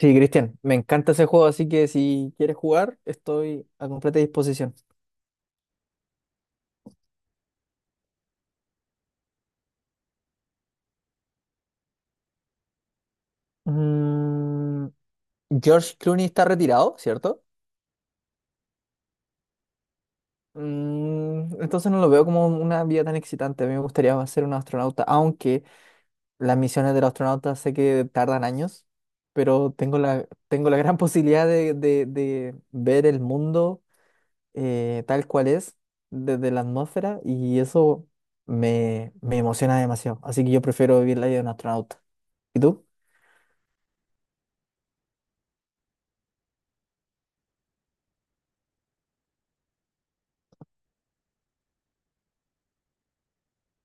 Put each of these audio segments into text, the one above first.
Sí, Cristian, me encanta ese juego, así que si quieres jugar, estoy a completa disposición. Mm, George Clooney está retirado, ¿cierto? Entonces no lo veo como una vida tan excitante. A mí me gustaría ser un astronauta, aunque las misiones del astronauta sé que tardan años, pero tengo la gran posibilidad de ver el mundo tal cual es desde la atmósfera y eso me emociona demasiado. Así que yo prefiero vivir la vida de un astronauta. ¿Y tú?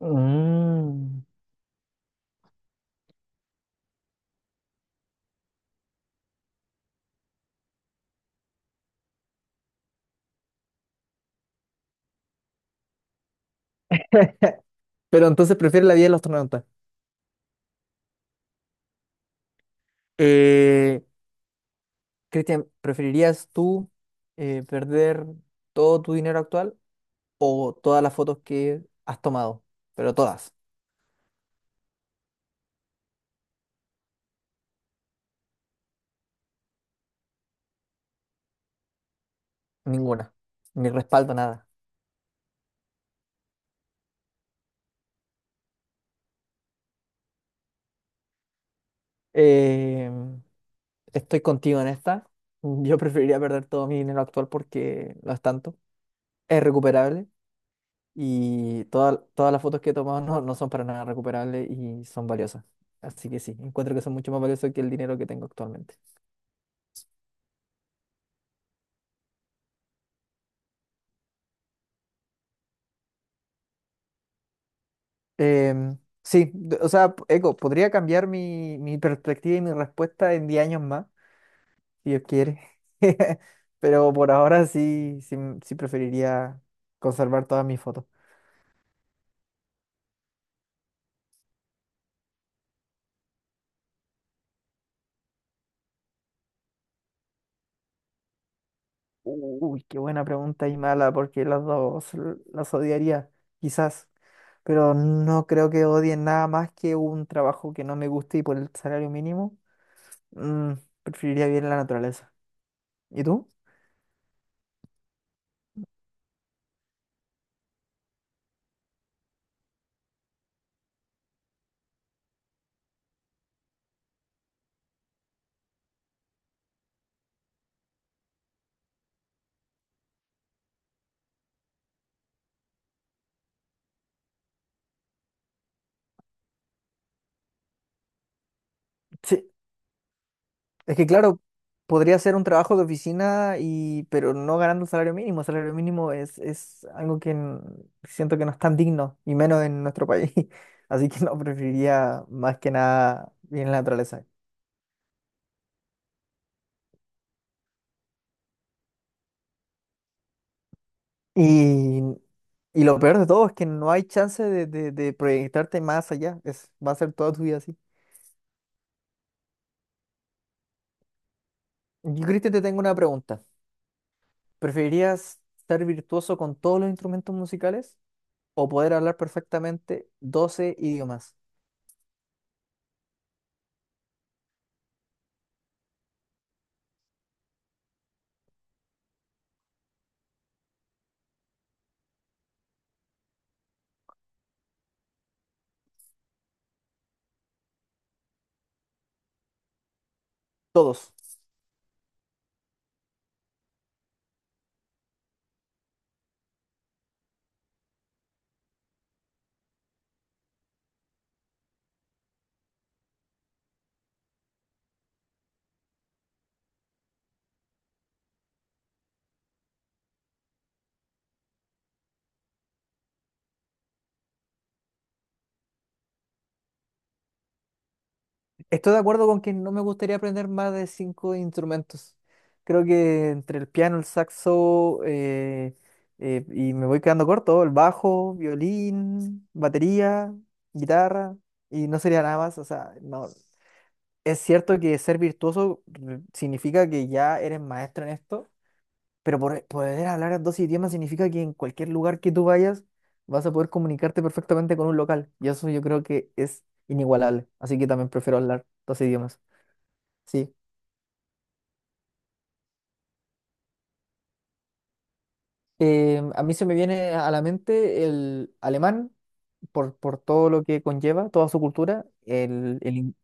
Mm. Pero entonces prefiere la vida del astronauta. Eh, Cristian, ¿preferirías tú perder todo tu dinero actual o todas las fotos que has tomado? Pero todas, ninguna, ni respaldo, nada. Eh, estoy contigo en esta. Yo preferiría perder todo mi dinero actual porque no es tanto. Es recuperable. Y todas las fotos que he tomado no, no son para nada recuperables y son valiosas. Así que sí, encuentro que son mucho más valiosas que el dinero que tengo actualmente. Em, sí, o sea, Eco, podría cambiar mi perspectiva y mi respuesta en 10 años más, si Dios quiere. Pero por ahora sí, sí, sí preferiría conservar todas mis fotos. Uy, qué buena pregunta y mala, porque las odiaría, quizás. Pero no creo que odien nada más que un trabajo que no me guste y por el salario mínimo, mm, preferiría vivir en la naturaleza. ¿Y tú? Sí, es que claro, podría ser un trabajo de oficina y pero no ganando el salario mínimo. El salario mínimo es algo que siento que no es tan digno, y menos en nuestro país. Así que no, preferiría más que nada vivir en la naturaleza. Y, y lo peor de todo es que no hay chance de proyectarte más allá. Es, va a ser toda tu vida así. Yo, Cristian, te tengo una pregunta. ¿Preferirías ser virtuoso con todos los instrumentos musicales o poder hablar perfectamente 12 idiomas? Todos. Estoy de acuerdo con que no me gustaría aprender más de cinco instrumentos. Creo que entre el piano, el saxo, y me voy quedando corto, el bajo, violín, batería, guitarra, y no sería nada más. O sea, no. Es cierto que ser virtuoso significa que ya eres maestro en esto. Pero poder hablar dos idiomas significa que en cualquier lugar que tú vayas vas a poder comunicarte perfectamente con un local. Y eso yo creo que es inigualable. Así que también prefiero hablar dos idiomas. Sí. A mí se me viene a la mente el alemán por todo lo que conlleva, toda su cultura.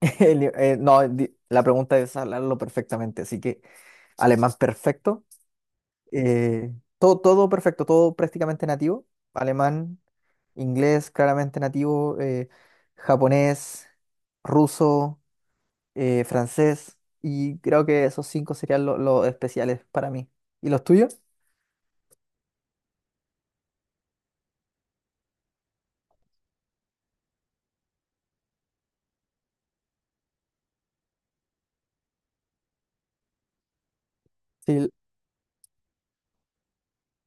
no, la pregunta es hablarlo perfectamente. Así que alemán perfecto. Eh, todo perfecto, todo prácticamente nativo. Alemán, inglés claramente nativo, japonés, ruso, francés. Y creo que esos cinco serían los especiales para mí. ¿Y los tuyos? Sí, el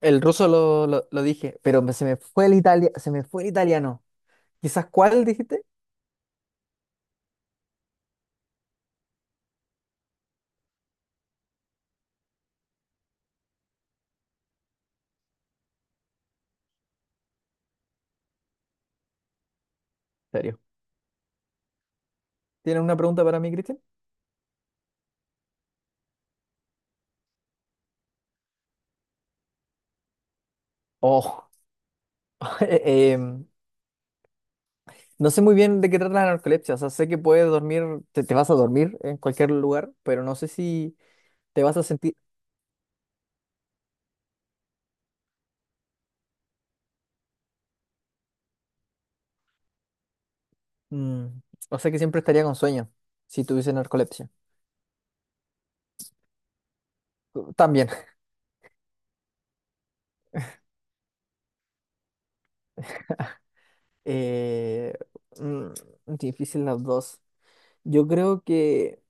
el ruso lo dije, pero se me fue se me fue el italiano. ¿Quizás cuál dijiste? ¿En serio? ¿Tienes una pregunta para mí, Cristian? Oh, em, no sé muy bien de qué trata la narcolepsia, o sea, sé que puedes dormir, te vas a dormir en cualquier lugar, pero no sé si te vas a sentir, mm, o sea que siempre estaría con sueño si tuviese narcolepsia. También. Eh, mm, difícil las dos. Yo creo que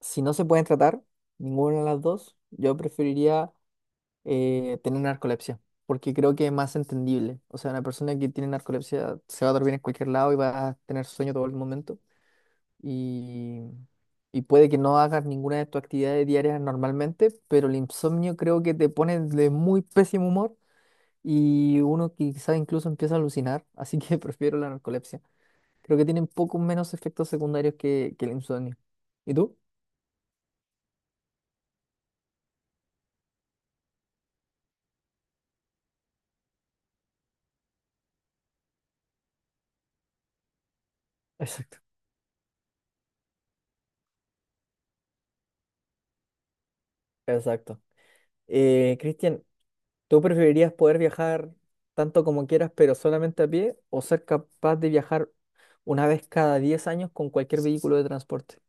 si no se pueden tratar ninguna de las dos, yo preferiría tener narcolepsia, porque creo que es más entendible. O sea, una persona que tiene narcolepsia se va a dormir en cualquier lado y va a tener sueño todo el momento. Y, y puede que no hagas ninguna de tus actividades diarias normalmente, pero el insomnio creo que te pone de muy pésimo humor y uno quizás incluso empieza a alucinar, así que prefiero la narcolepsia. Creo que tienen poco menos efectos secundarios que el insomnio. ¿Y tú? Exacto, exacto. Cristian, ¿tú preferirías poder viajar tanto como quieras, pero solamente a pie, o ser capaz de viajar una vez cada 10 años con cualquier vehículo de transporte?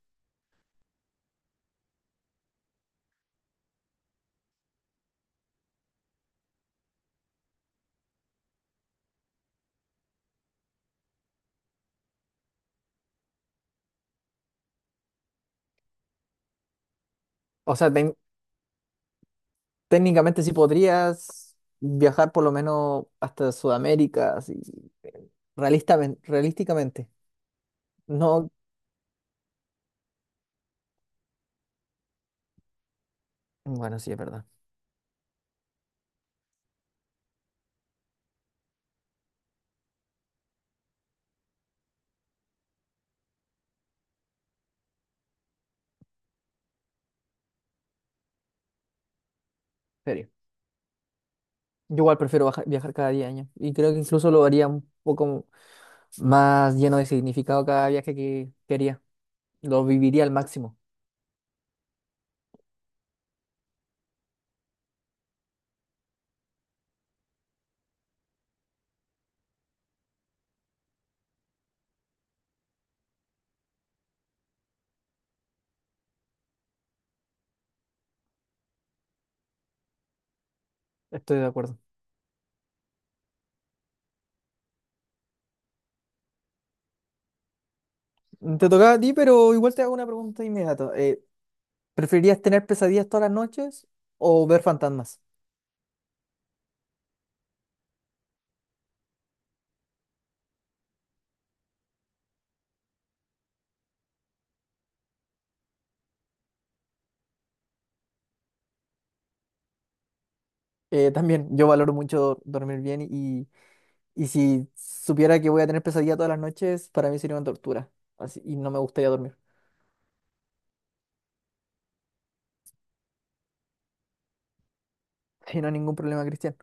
O sea, ten- técnicamente sí podrías viajar por lo menos hasta Sudamérica, así, realísticamente. No, bueno, sí, es verdad. Serio. Yo igual prefiero viajar cada 10 años y creo que incluso lo haría un poco más lleno de significado cada viaje que quería. Lo viviría al máximo. Estoy de acuerdo. Te tocaba a ti, pero igual te hago una pregunta inmediata. ¿Preferirías tener pesadillas todas las noches o ver fantasmas? También, yo valoro mucho dormir bien. Y si supiera que voy a tener pesadilla todas las noches, para mí sería una tortura. Así, y no me gustaría dormir. Y no hay ningún problema, Cristian.